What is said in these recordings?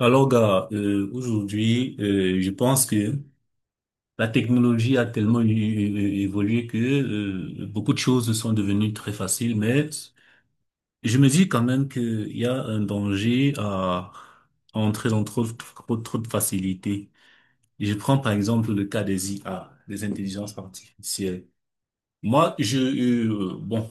Alors, gars, aujourd'hui, je pense que la technologie a tellement évolué que beaucoup de choses sont devenues très faciles, mais je me dis quand même qu'il y a un danger à entrer dans trop de facilité. Je prends par exemple le cas des IA, des intelligences artificielles. Moi, je, euh, bon,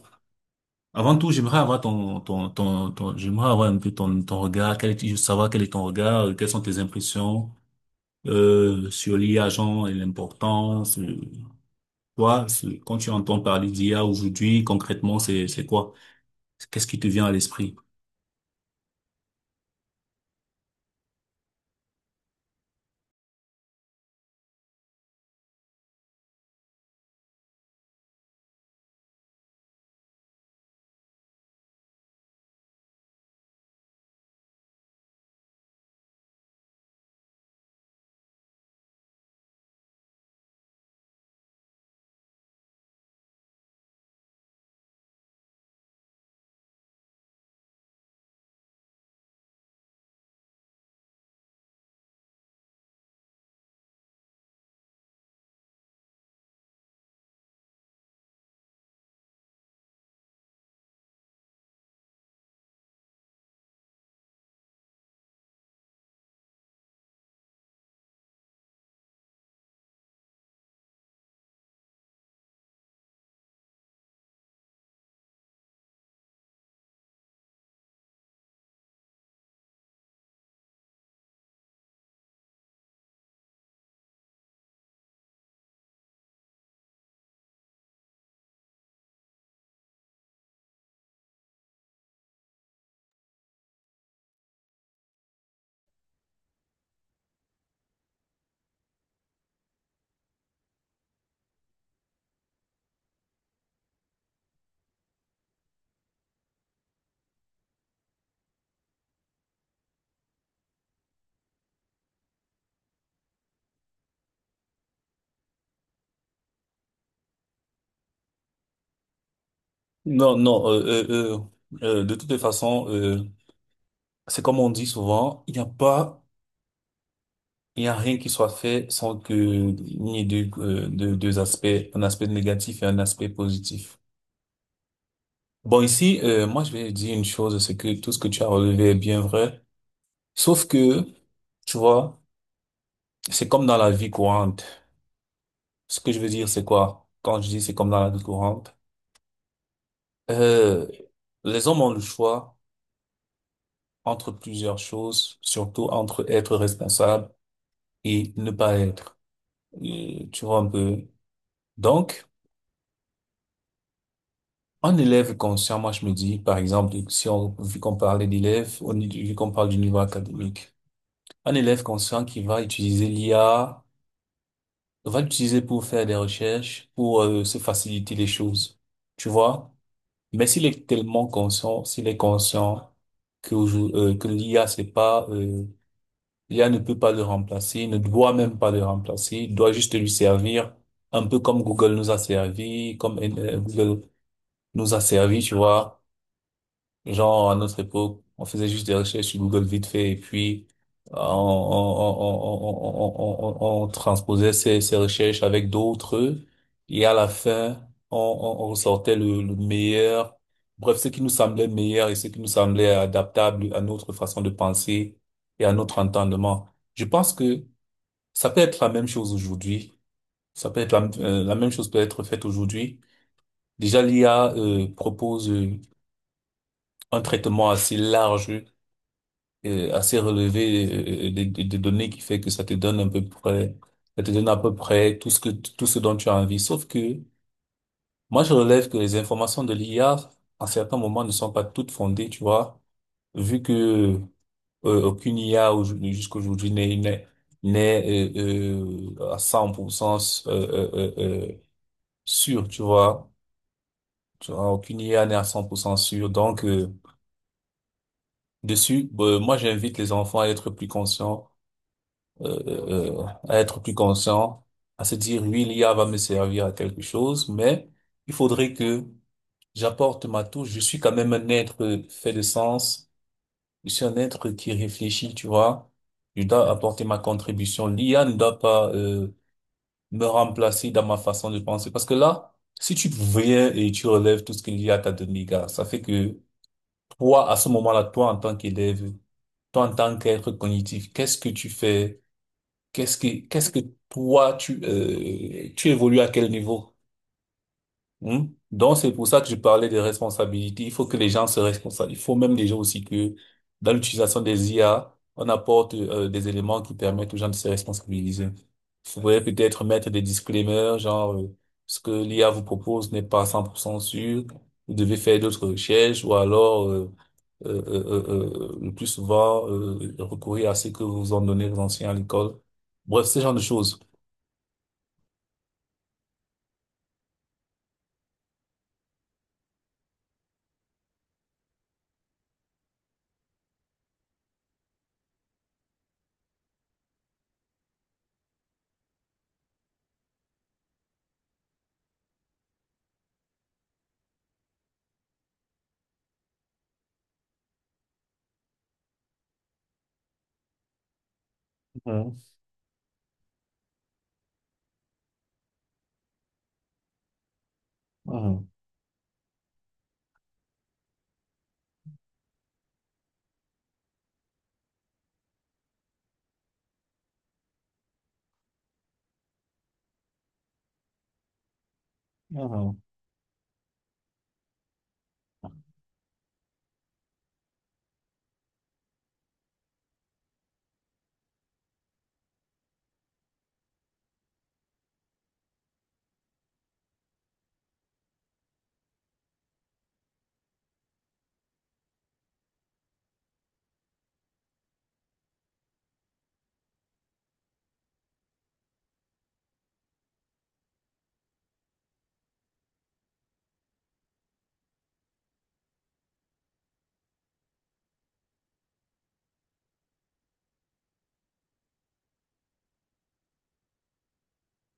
Avant tout, j'aimerais avoir j'aimerais avoir un peu ton regard, savoir quel est ton regard, quelles sont tes impressions sur l'IA genre et l'importance. Toi, quand tu entends parler d'IA aujourd'hui, concrètement, c'est quoi? Qu'est-ce qui te vient à l'esprit? Non, non, De toutes les façons, c'est comme on dit souvent, il n'y a rien qui soit fait sans que il n'y ait deux aspects, un aspect négatif et un aspect positif. Bon, ici, moi, je vais dire une chose, c'est que tout ce que tu as relevé est bien vrai. Sauf que, tu vois, c'est comme dans la vie courante. Ce que je veux dire, c'est quoi? Quand je dis c'est comme dans la vie courante, euh, les hommes ont le choix entre plusieurs choses, surtout entre être responsable et ne pas être. Et tu vois un peu. Donc, un élève conscient, moi, je me dis, par exemple, si on, vu qu'on parlait d'élèves, vu qu'on parle du niveau académique, un élève conscient qui va utiliser l'IA, on va l'utiliser pour faire des recherches, pour se faciliter les choses, tu vois. Mais s'il est tellement conscient, s'il est conscient que, que l'IA, c'est pas, l'IA ne peut pas le remplacer, ne doit même pas le remplacer, devenir un peu comme Google nous a servi, comme Google nous a servi, tu vois. Genre, à notre époque, on faisait juste des recherches sur Google vite fait et puis on transposait ces recherches avec d'autres et à la fin, on ressortait le meilleur. Bref, ce qui nous semblait meilleur et ce qui nous semblait adaptable à notre façon de penser et à notre entendement. Je pense que ça peut être la même chose aujourd'hui. Ça peut être la même chose peut être faite aujourd'hui. Déjà, l'IA propose un traitement assez large assez relevé des données qui fait que ça te donne à peu près, ça te donne à peu près tout ce que, tout ce dont tu as envie. Sauf que moi, je relève que les informations de l'IA, à certains moments, ne sont pas toutes fondées, tu vois, vu que aucune IA jusqu'à n'est, n'est, n'est à 100% euh, euh, euh, sûre, tu vois. Tu vois, aucune IA n'est à 100% sûre. Donc, dessus, moi, j'invite les enfants à être plus conscients euh, à être plus conscient, à se dire, oui, l'IA va me servir à quelque chose, mais il faudrait que j'apporte ma touche. Je suis quand même un être fait de sens. Je suis un être qui réfléchit, tu vois. Je dois apporter ma contribution. L'IA ne doit pas me remplacer dans ma façon de penser. Parce que là, si tu viens et tu relèves tout ce que l'IA t'a donné, gars, ça fait que toi, à ce moment-là, toi, en tant qu'élève, toi, en tant qu'être cognitif, qu'est-ce que tu fais? Qu'est-ce que toi, tu évolues à quel niveau? Hein. Donc, c'est pour ça que je parlais de responsabilité. Il faut que les gens se responsabilisent. Il faut même déjà aussi que dans l'utilisation des IA, on apporte des éléments qui permettent aux gens de se responsabiliser. Vous pouvez peut-être mettre des disclaimers, genre ce que l'IA vous propose n'est pas 100% sûr. Vous devez faire d'autres recherches ou alors le plus souvent recourir à ce que vous en donnez les anciens à l'école. Bref, ce genre de choses. Mhm, mhm, mhm,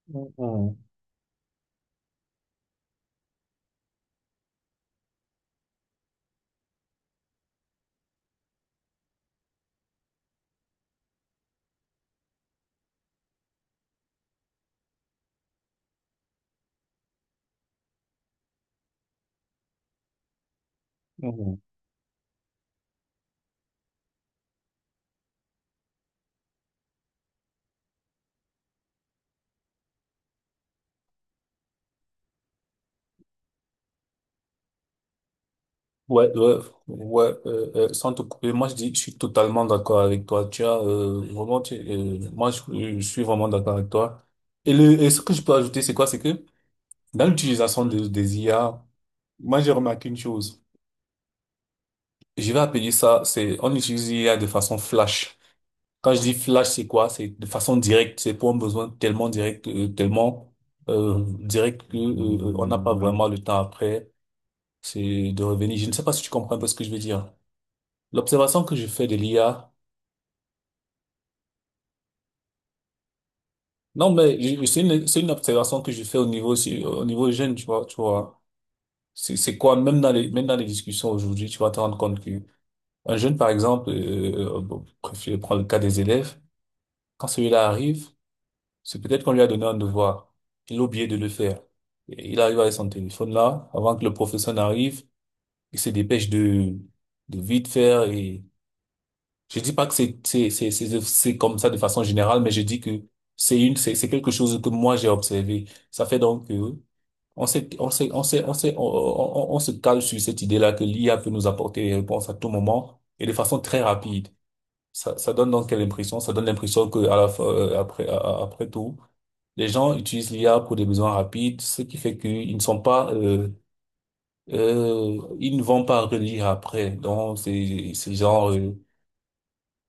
mhm, mhm. Ouais, ouais, ouais, sans te couper, moi je dis, je suis totalement d'accord avec toi. Tu as vraiment, je suis vraiment d'accord avec toi. Et et ce que je peux ajouter, c'est quoi? C'est que dans l'utilisation des IA, moi j'ai remarqué une chose. Je vais appeler ça, c'est on utilise l'IA de façon flash. Quand je dis flash, c'est quoi? C'est de façon directe. C'est pour un besoin tellement direct que on n'a pas vraiment le temps après. C'est de revenir. Je ne sais pas si tu comprends un peu ce que je veux dire. L'observation que je fais de l'IA, non, c'est c'est une observation que je fais au niveau, au niveau jeune, tu vois. C'est quoi, même dans même dans les discussions aujourd'hui, tu vas te rendre compte que un jeune, par exemple, bon, bref, je le cas des élèves, quand celui-là arrive, c'est peut-être qu'on lui a donné un devoir. Il a oublié de le faire. Et il arrive avec son téléphone là, avant que le professeur n'arrive, il se dépêche de vite faire. Et je dis pas que c'est comme ça de façon générale, mais je dis que c'est une c'est quelque chose que moi j'ai observé. Ça fait donc que on s'est on s'est on s'est on s'est- on se cale sur cette idée-là que l'IA peut nous apporter des réponses à tout moment et de façon très rapide. Ça donne donc quelle impression? Ça donne l'impression que à la fin, après après tout, les gens utilisent l'IA pour des besoins rapides, ce qui fait qu'ils ne sont pas ils ne vont pas relire après. Donc c'est genre euh,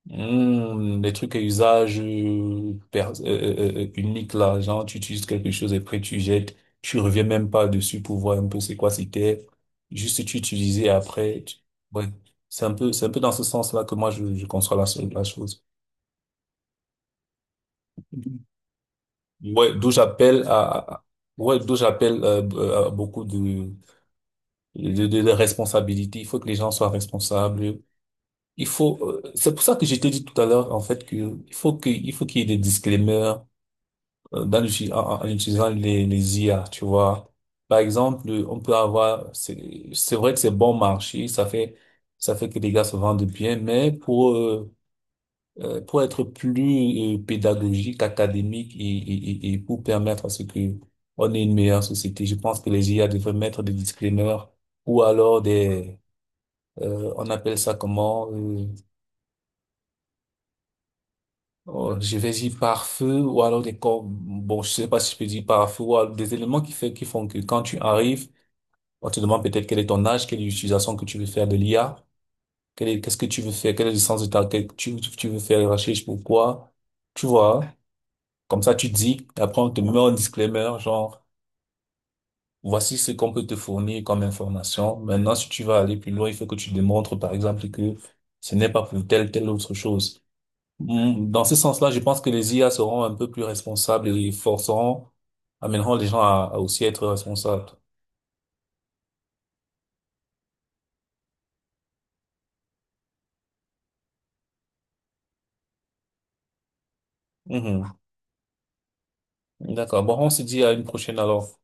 Hmm, les trucs à usage unique là, genre tu utilises quelque chose et après tu jettes, tu reviens même pas dessus pour voir un peu c'est quoi c'était, juste tu utilisais et après, ouais, c'est un peu dans ce sens-là que je conçois la chose. Ouais, d'où j'appelle à- ouais, d'où j'appelle à beaucoup de responsabilités. Il faut que les gens soient responsables. C'est pour ça que je t'ai dit tout à l'heure, en fait, que il faut qu'il y ait des disclaimers dans utilisant les IA, tu vois. Par exemple, on peut avoir, c'est vrai que c'est bon marché, ça fait que les gars se vendent bien, mais pour être plus pédagogique, académique et pour permettre à ce que on ait une meilleure société, je pense que les IA devraient mettre des disclaimers ou alors des, on appelle ça comment, oh, je vais dire par feu ou alors des corps, bon, je sais pas si je peux dire par feu ou alors des éléments qui font que quand tu arrives, on te demande peut-être quel est ton âge, quelle est l'utilisation que tu veux faire de l'IA, qu'est-ce que tu veux faire, quel est le sens de que tu veux faire les recherches, pourquoi, tu vois, comme ça tu dis, et après on te met un disclaimer, genre, voici ce qu'on peut te fournir comme information. Maintenant, si tu vas aller plus loin, il faut que tu démontres, par exemple, que ce n'est pas pour telle autre chose. Dans ce sens-là, je pense que les IA seront un peu plus responsables et amèneront les gens à aussi être responsables. Mhm. D'accord. Bon, on se dit à une prochaine alors.